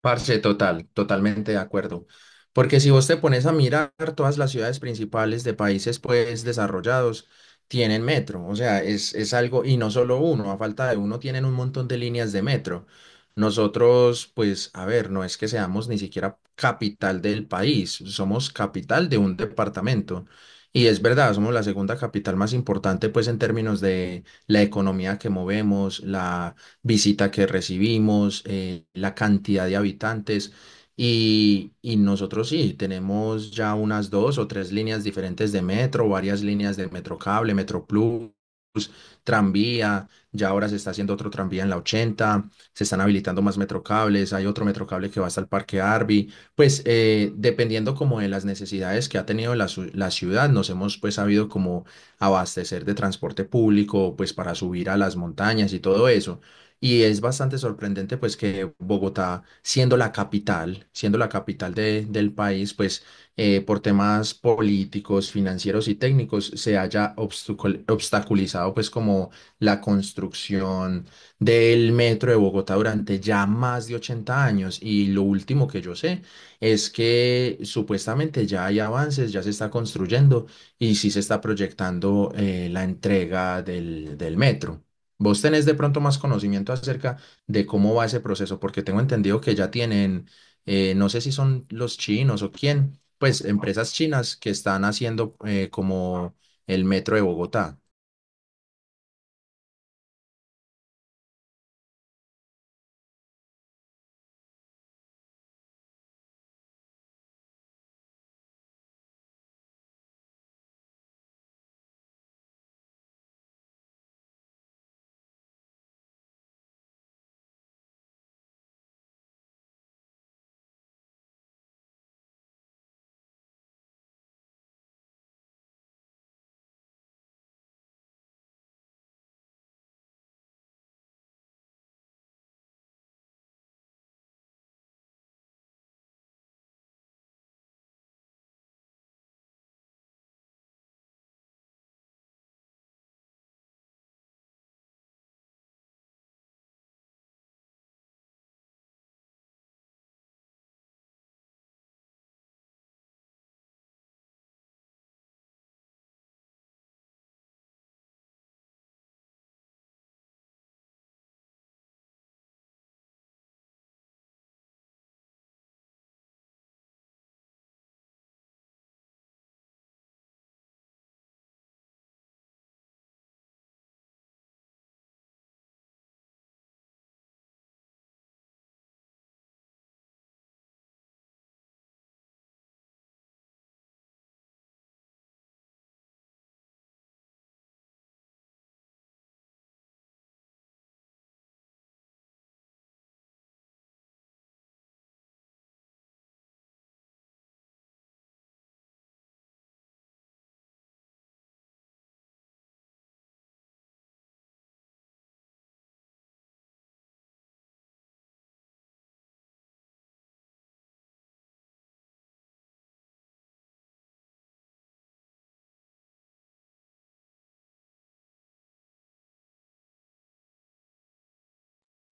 Parce, totalmente de acuerdo. Porque si vos te pones a mirar, todas las ciudades principales de países pues desarrollados tienen metro. O sea, es algo, y no solo uno, a falta de uno tienen un montón de líneas de metro. Nosotros, pues, a ver, no es que seamos ni siquiera capital del país, somos capital de un departamento. Y es verdad, somos la segunda capital más importante pues en términos de la economía que movemos, la visita que recibimos, la cantidad de habitantes. Y nosotros sí, tenemos ya unas dos o tres líneas diferentes de metro, varias líneas de metro cable, metro plus, tranvía, ya ahora se está haciendo otro tranvía en la 80, se están habilitando más metrocables, hay otro metrocable que va hasta el Parque Arby, pues dependiendo como de las necesidades que ha tenido la ciudad, nos hemos pues sabido como abastecer de transporte público, pues para subir a las montañas y todo eso. Y es bastante sorprendente pues que Bogotá, siendo la capital del país, pues por temas políticos, financieros y técnicos se haya obstaculizado pues como la construcción del metro de Bogotá durante ya más de 80 años. Y lo último que yo sé es que supuestamente ya hay avances, ya se está construyendo y sí se está proyectando la entrega del metro. Vos tenés de pronto más conocimiento acerca de cómo va ese proceso, porque tengo entendido que ya tienen, no sé si son los chinos o quién, pues empresas chinas que están haciendo como el metro de Bogotá.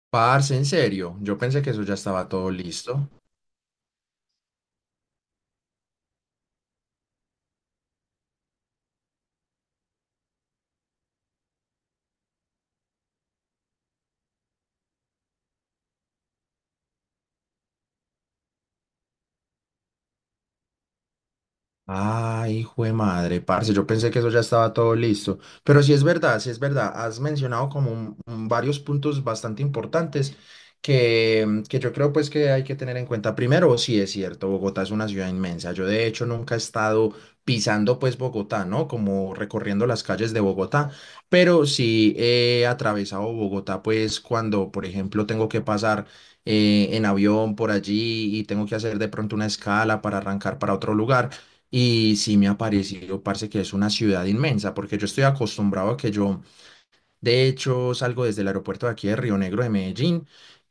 Parce, en serio, yo pensé que eso ya estaba todo listo. Ay, hijo de madre, parce, yo pensé que eso ya estaba todo listo. Pero sí es verdad, has mencionado como un varios puntos bastante importantes que yo creo pues que hay que tener en cuenta. Primero, sí es cierto, Bogotá es una ciudad inmensa. Yo de hecho nunca he estado pisando pues Bogotá, ¿no? Como recorriendo las calles de Bogotá, pero sí he atravesado Bogotá pues cuando, por ejemplo, tengo que pasar en avión por allí y tengo que hacer de pronto una escala para arrancar para otro lugar. Y sí me ha parecido, parce, que es una ciudad inmensa, porque yo estoy acostumbrado a que yo de hecho, salgo desde el aeropuerto de aquí de Río Negro de Medellín,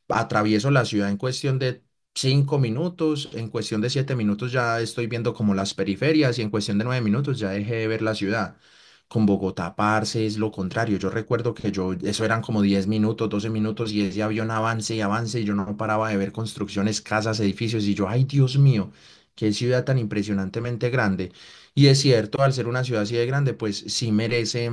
atravieso la ciudad en cuestión de 5 minutos, en cuestión de 7 minutos ya estoy viendo como las periferias y en cuestión de 9 minutos ya dejé de ver la ciudad. Con Bogotá, parce, es lo contrario. Yo recuerdo que yo, eso eran como 10 minutos, 12 minutos y ese avión avance y avance y yo no paraba de ver construcciones, casas, edificios y yo, ay Dios mío, qué ciudad tan impresionantemente grande. Y es cierto, al ser una ciudad así de grande, pues sí merece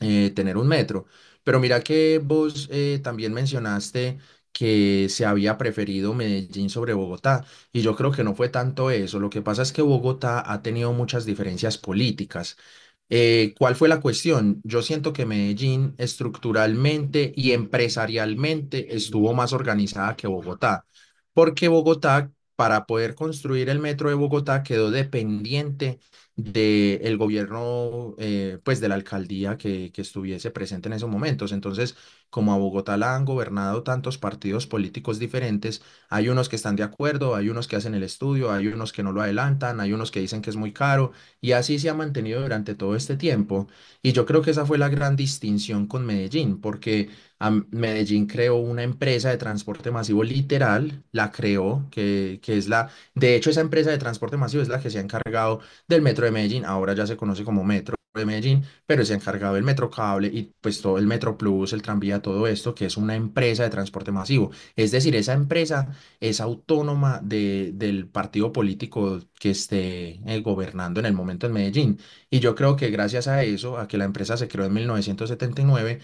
tener un metro. Pero mira que vos también mencionaste que se había preferido Medellín sobre Bogotá, y yo creo que no fue tanto eso. Lo que pasa es que Bogotá ha tenido muchas diferencias políticas. ¿Cuál fue la cuestión? Yo siento que Medellín estructuralmente y empresarialmente estuvo más organizada que Bogotá, porque Bogotá, para poder construir el metro de Bogotá, quedó dependiente del gobierno, pues de la alcaldía que estuviese presente en esos momentos. Entonces, como a Bogotá la han gobernado tantos partidos políticos diferentes, hay unos que están de acuerdo, hay unos que hacen el estudio, hay unos que no lo adelantan, hay unos que dicen que es muy caro y así se ha mantenido durante todo este tiempo. Y yo creo que esa fue la gran distinción con Medellín, porque Medellín creó una empresa de transporte masivo literal, la creó, que es la, de hecho esa empresa de transporte masivo es la que se ha encargado del Metro de Medellín, ahora ya se conoce como Metro de Medellín, pero se ha encargado del Metro Cable y pues todo el Metro Plus, el tranvía, todo esto, que es una empresa de transporte masivo. Es decir, esa empresa es autónoma del partido político que esté gobernando en el momento en Medellín. Y yo creo que gracias a eso, a que la empresa se creó en 1979,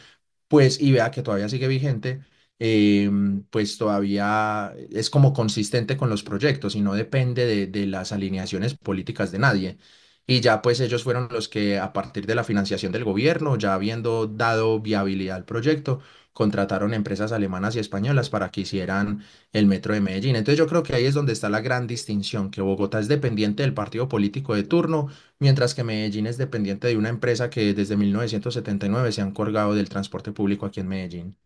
pues y vea que todavía sigue vigente, pues todavía es como consistente con los proyectos y no depende de las alineaciones políticas de nadie. Y ya pues ellos fueron los que a partir de la financiación del gobierno, ya habiendo dado viabilidad al proyecto, contrataron empresas alemanas y españolas para que hicieran el metro de Medellín. Entonces yo creo que ahí es donde está la gran distinción, que Bogotá es dependiente del partido político de turno mientras que Medellín es dependiente de una empresa que desde 1979 se ha encargado del transporte público aquí en Medellín.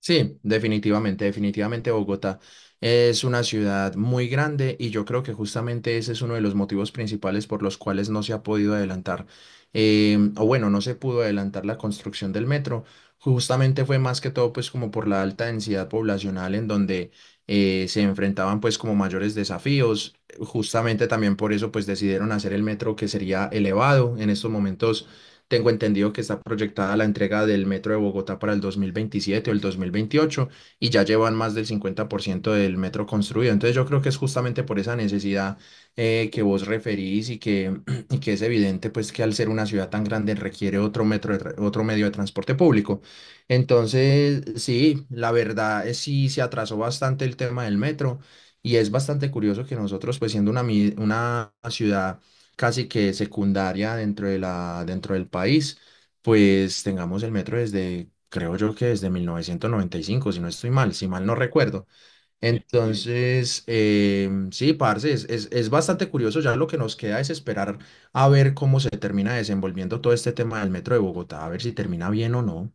Sí, definitivamente, definitivamente Bogotá es una ciudad muy grande y yo creo que justamente ese es uno de los motivos principales por los cuales no se ha podido adelantar, o bueno, no se pudo adelantar la construcción del metro. Justamente fue más que todo pues como por la alta densidad poblacional en donde se enfrentaban pues como mayores desafíos. Justamente también por eso pues decidieron hacer el metro que sería elevado. En estos momentos tengo entendido que está proyectada la entrega del metro de Bogotá para el 2027 o el 2028 y ya llevan más del 50% del metro construido. Entonces yo creo que es justamente por esa necesidad que vos referís y que, y que es evidente pues que al ser una ciudad tan grande requiere otro metro otro medio de transporte público. Entonces, sí, la verdad es sí se atrasó bastante el tema del metro y es bastante curioso que nosotros pues siendo una, una ciudad casi que secundaria dentro de la, dentro del país, pues tengamos el metro desde, creo yo que desde 1995 si no estoy mal, si mal no recuerdo. Sí. Entonces, sí, parce, es bastante curioso, ya lo que nos queda es esperar a ver cómo se termina desenvolviendo todo este tema del metro de Bogotá, a ver si termina bien o no.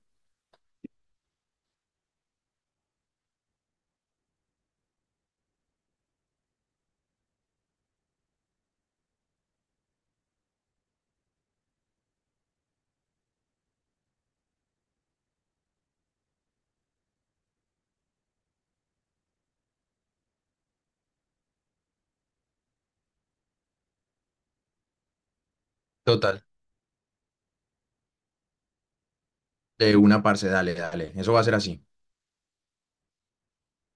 Total. De una, parce, dale, dale, eso va a ser así.